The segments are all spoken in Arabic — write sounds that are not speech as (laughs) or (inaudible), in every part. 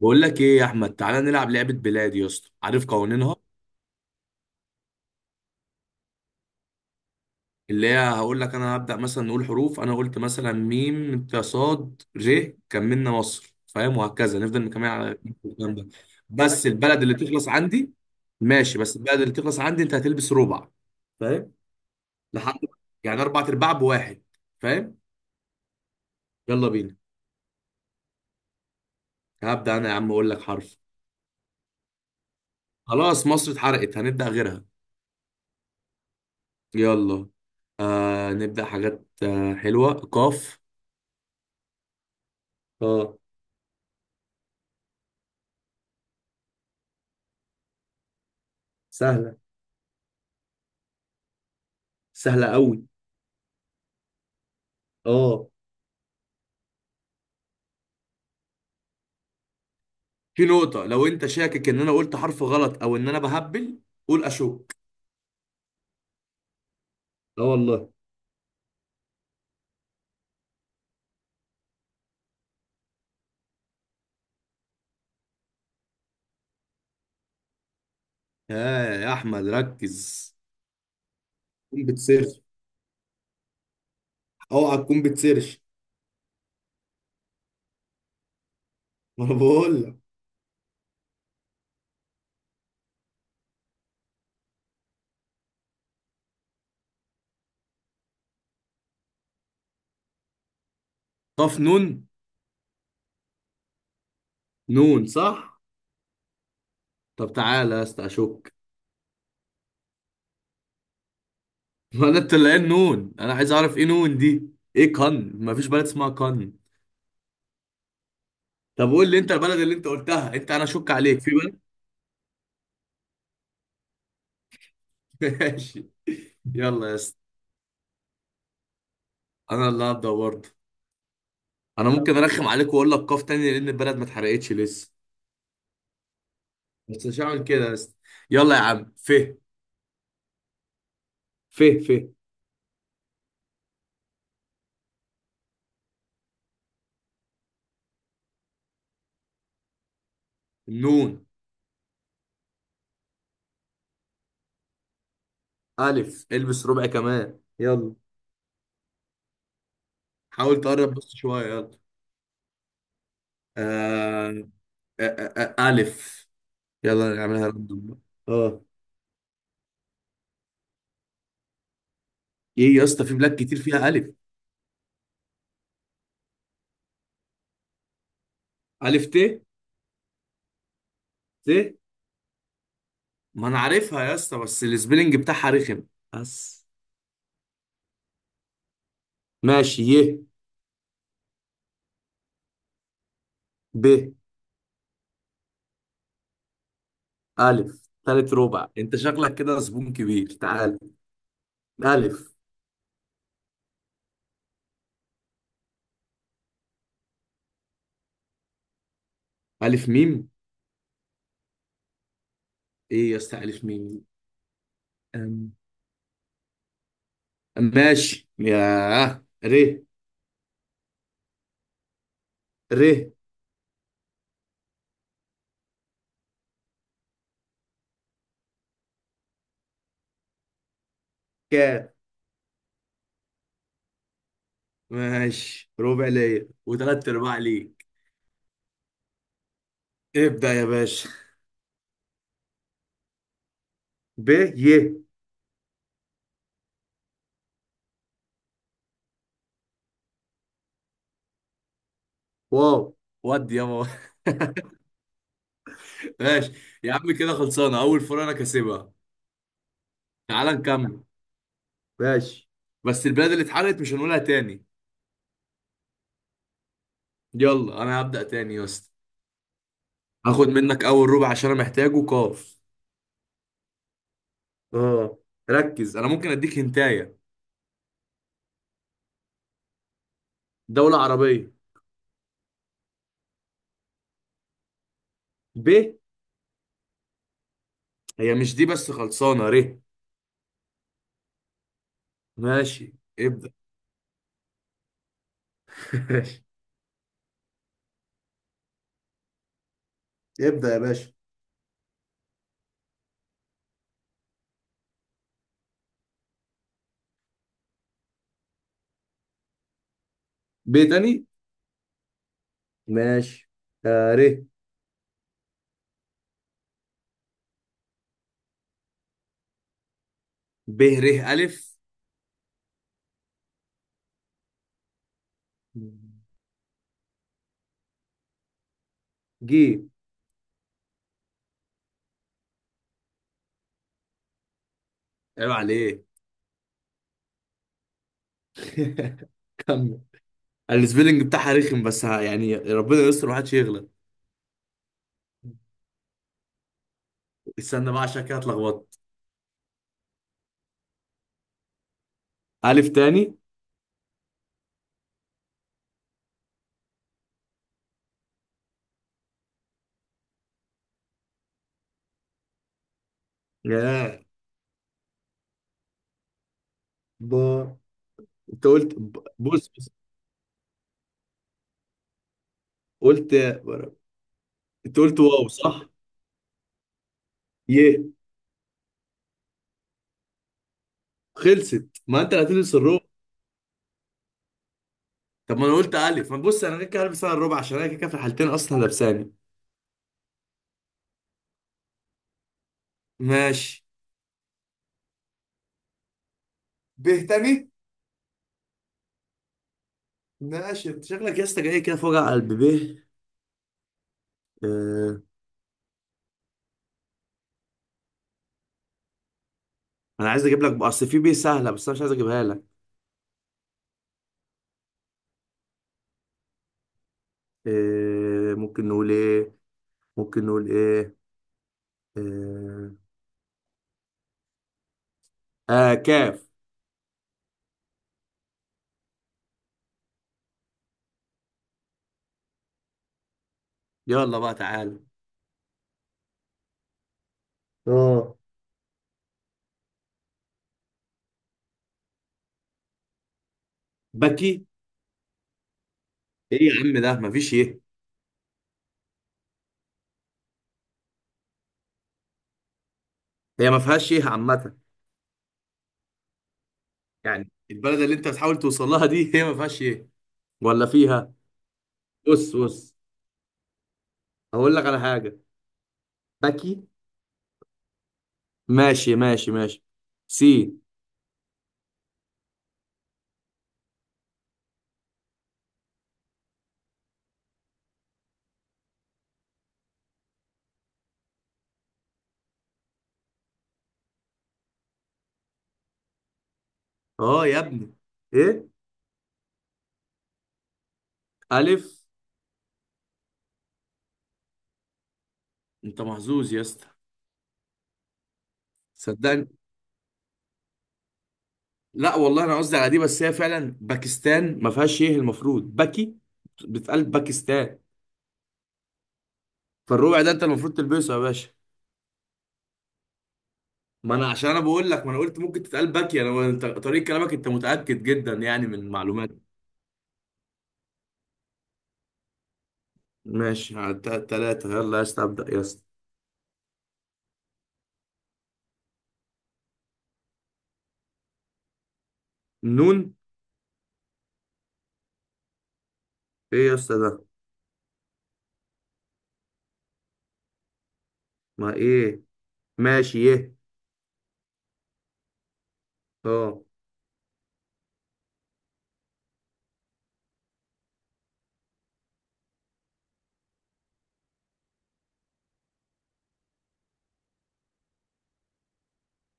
بقول لك ايه يا احمد؟ تعالى نلعب لعبه بلاد يا اسطى. عارف قوانينها؟ اللي هي هقول لك انا هبدا، مثلا نقول حروف، انا قلت مثلا ميم انت صاد ر كملنا مصر، فاهم؟ وهكذا نفضل نكمل على الكلام ده. بس البلد اللي تخلص عندي، ماشي. بس البلد اللي تخلص عندي انت هتلبس ربع، فاهم؟ لحد، يعني اربع ارباع بواحد، فاهم؟ يلا بينا. هبدا انا يا عم، اقول لك حرف. خلاص مصر اتحرقت، هنبدا غيرها. يلا آه، نبدا حاجات آه حلوه. قاف. اه. سهلة. سهله قوي. اه. في نقطة، لو انت شاكك ان انا قلت حرف غلط او ان انا بهبل، قول اشك. اه والله. ها يا احمد ركز. تكون بتسيرش. اوعى تكون بتسيرش. (laughs) ما انا بقول لك. قاف نون. نون صح. طب تعالى يا اسطى اشك. (laughs) ما انا طلعان نون، انا عايز اعرف ايه نون دي؟ ايه؟ كن؟ ما فيش بلد اسمها كن. طب قول لي انت البلد اللي انت قلتها، انت انا اشك عليك في بلد. (laughs) ماشي. يلا يا اسطى. انا اللي هبدا برضه. انا ممكن ارخم عليك واقول لك قاف تاني، لان البلد ما اتحرقتش لسه. بس مش هعمل كده. بس يلا يا عم. ف. ف. ف. نون الف. البس ربع كمان، يلا. حاول تقرب بس شويه، يلا. آه... آه، الف. يلا نعملها راندوم بقى. اه. ايه يا اسطى، في بلاد كتير فيها الف. الف ت. ت. ما انا عارفها يا اسطى، بس السبيلنج بتاعها رخم بس. ماشي. ي. ب. الف تالت ربع، انت شكلك كده زبون كبير، تعال. الف. ألف ميم. إيه يا اسطى ألف ميم دي؟ أم. ماشي يا. ر. ر. ك. ماشي، ربع ليا وثلاث أرباع ليك. ابدأ يا باشا. ب. ي. واو. ودي يابا. (laughs) ماشي. يا عم كده خلصانة، أول فرقة أنا كاسبها. تعال نكمل. ماشي. بس البلاد اللي اتحرقت مش هنقولها تاني. يلا أنا هبدأ تاني يا اسطى. هاخد منك أول ربع عشان أنا محتاجه. قاف. اه. ركز، أنا ممكن أديك هنتاية. دولة عربية. ب. هي مش دي، بس خلصانة. ر. ماشي. ابدأ. (laughs) ماشي. ابدأ يا باشا. ب تاني. ماشي. آه ر. ب ر ألف. ج. عيب عليك. (laughs) كمل. السبيلنج بتاعها رخم بس، ها يعني ربنا يستر محدش يغلط. استنى بقى، عشان كده اتلخبطت. ألف تاني. ياه. ب. انت قلت ب- بص بص. قلت، انت قلت واو صح. يه. خلصت، ما انت اللي هتلبس الرو. طب ما انا قلت الف، ما بص انا كده كده هلبس انا الربع، عشان انا كده كده في الحالتين اصلا لابساني. ماشي. به تاني. ماشي. انت شكلك يا اسطى جاي كده في وجع قلب. به. آه. انا عايز اجيب لك بقى- اصل في بيه سهله بس انا مش عايز اجيبها لك. آه. ممكن نقول ايه؟ ممكن نقول ايه؟ اه, آه، كاف. يلا بقى تعالى. اه. بكي. ايه يا عم ده؟ مفيش ايه. هي ما فيهاش ايه عامه. يعني البلد اللي انت بتحاول توصل لها دي هي ما فيهاش ايه، ولا فيها؟ بص بص، هقول لك على حاجه. بكي. ماشي ماشي ماشي. سي. اه يا ابني. ايه. الف. انت محظوظ يا اسطى. صدقني، لا والله انا قصدي على دي، بس هي فعلا باكستان ما فيهاش ايه، المفروض باكي. بتقال باكستان. فالربع ده انت المفروض تلبسه يا باشا. ما انا عشان انا بقول لك، ما انا قلت ممكن تتقال باكي. انا انت طريقة كلامك انت متأكد جدا، يعني من المعلومات. ماشي، على التلاتة. يلا يا اسطى ابدأ يا اسطى. نون. ايه يا اسطى ده؟ ما ايه. ماشي، ايه. اه.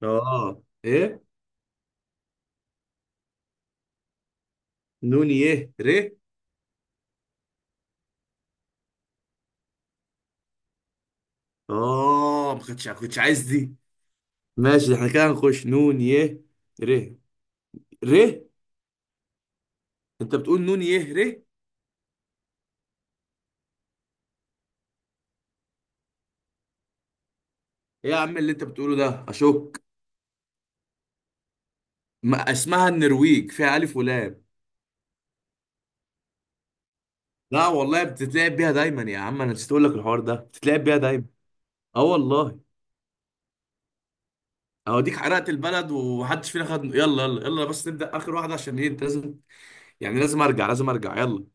اه. ايه. نون يه ر. اه، ما كنتش عايز دي. ماشي، احنا كده هنخش نون يه. ر. ر. انت بتقول نون يه ر ايه؟ يا عم اللي انت بتقوله ده، اشك. ما اسمها النرويج فيها الف ولام. لا والله بتتلعب بيها دايما يا عم، انا نسيت اقول لك الحوار ده، بتتلعب بيها دايما. اه والله. اوديك حرقت البلد ومحدش فينا خد. يلا يلا يلا، بس نبدأ اخر واحدة عشان ايه، انت لازم، يعني لازم ارجع لازم ارجع. يلا.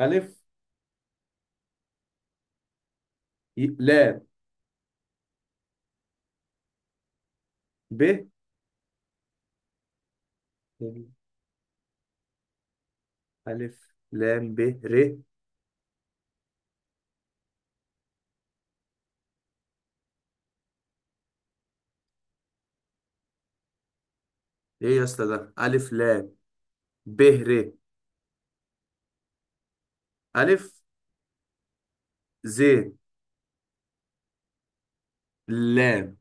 ألف. ي- لام. ب. ألف لام ب. ر. ايه يا اسطى ده الف لام ب ر؟ الف. ز. لام.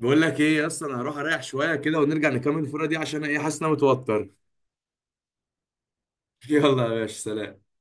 بقول لك ايه يا اسطى، انا هروح اريح شويه كده ونرجع نكمل الفوره دي، عشان ايه حاسس إن انا متوتر. (laughs) يلا يا باشا سلام.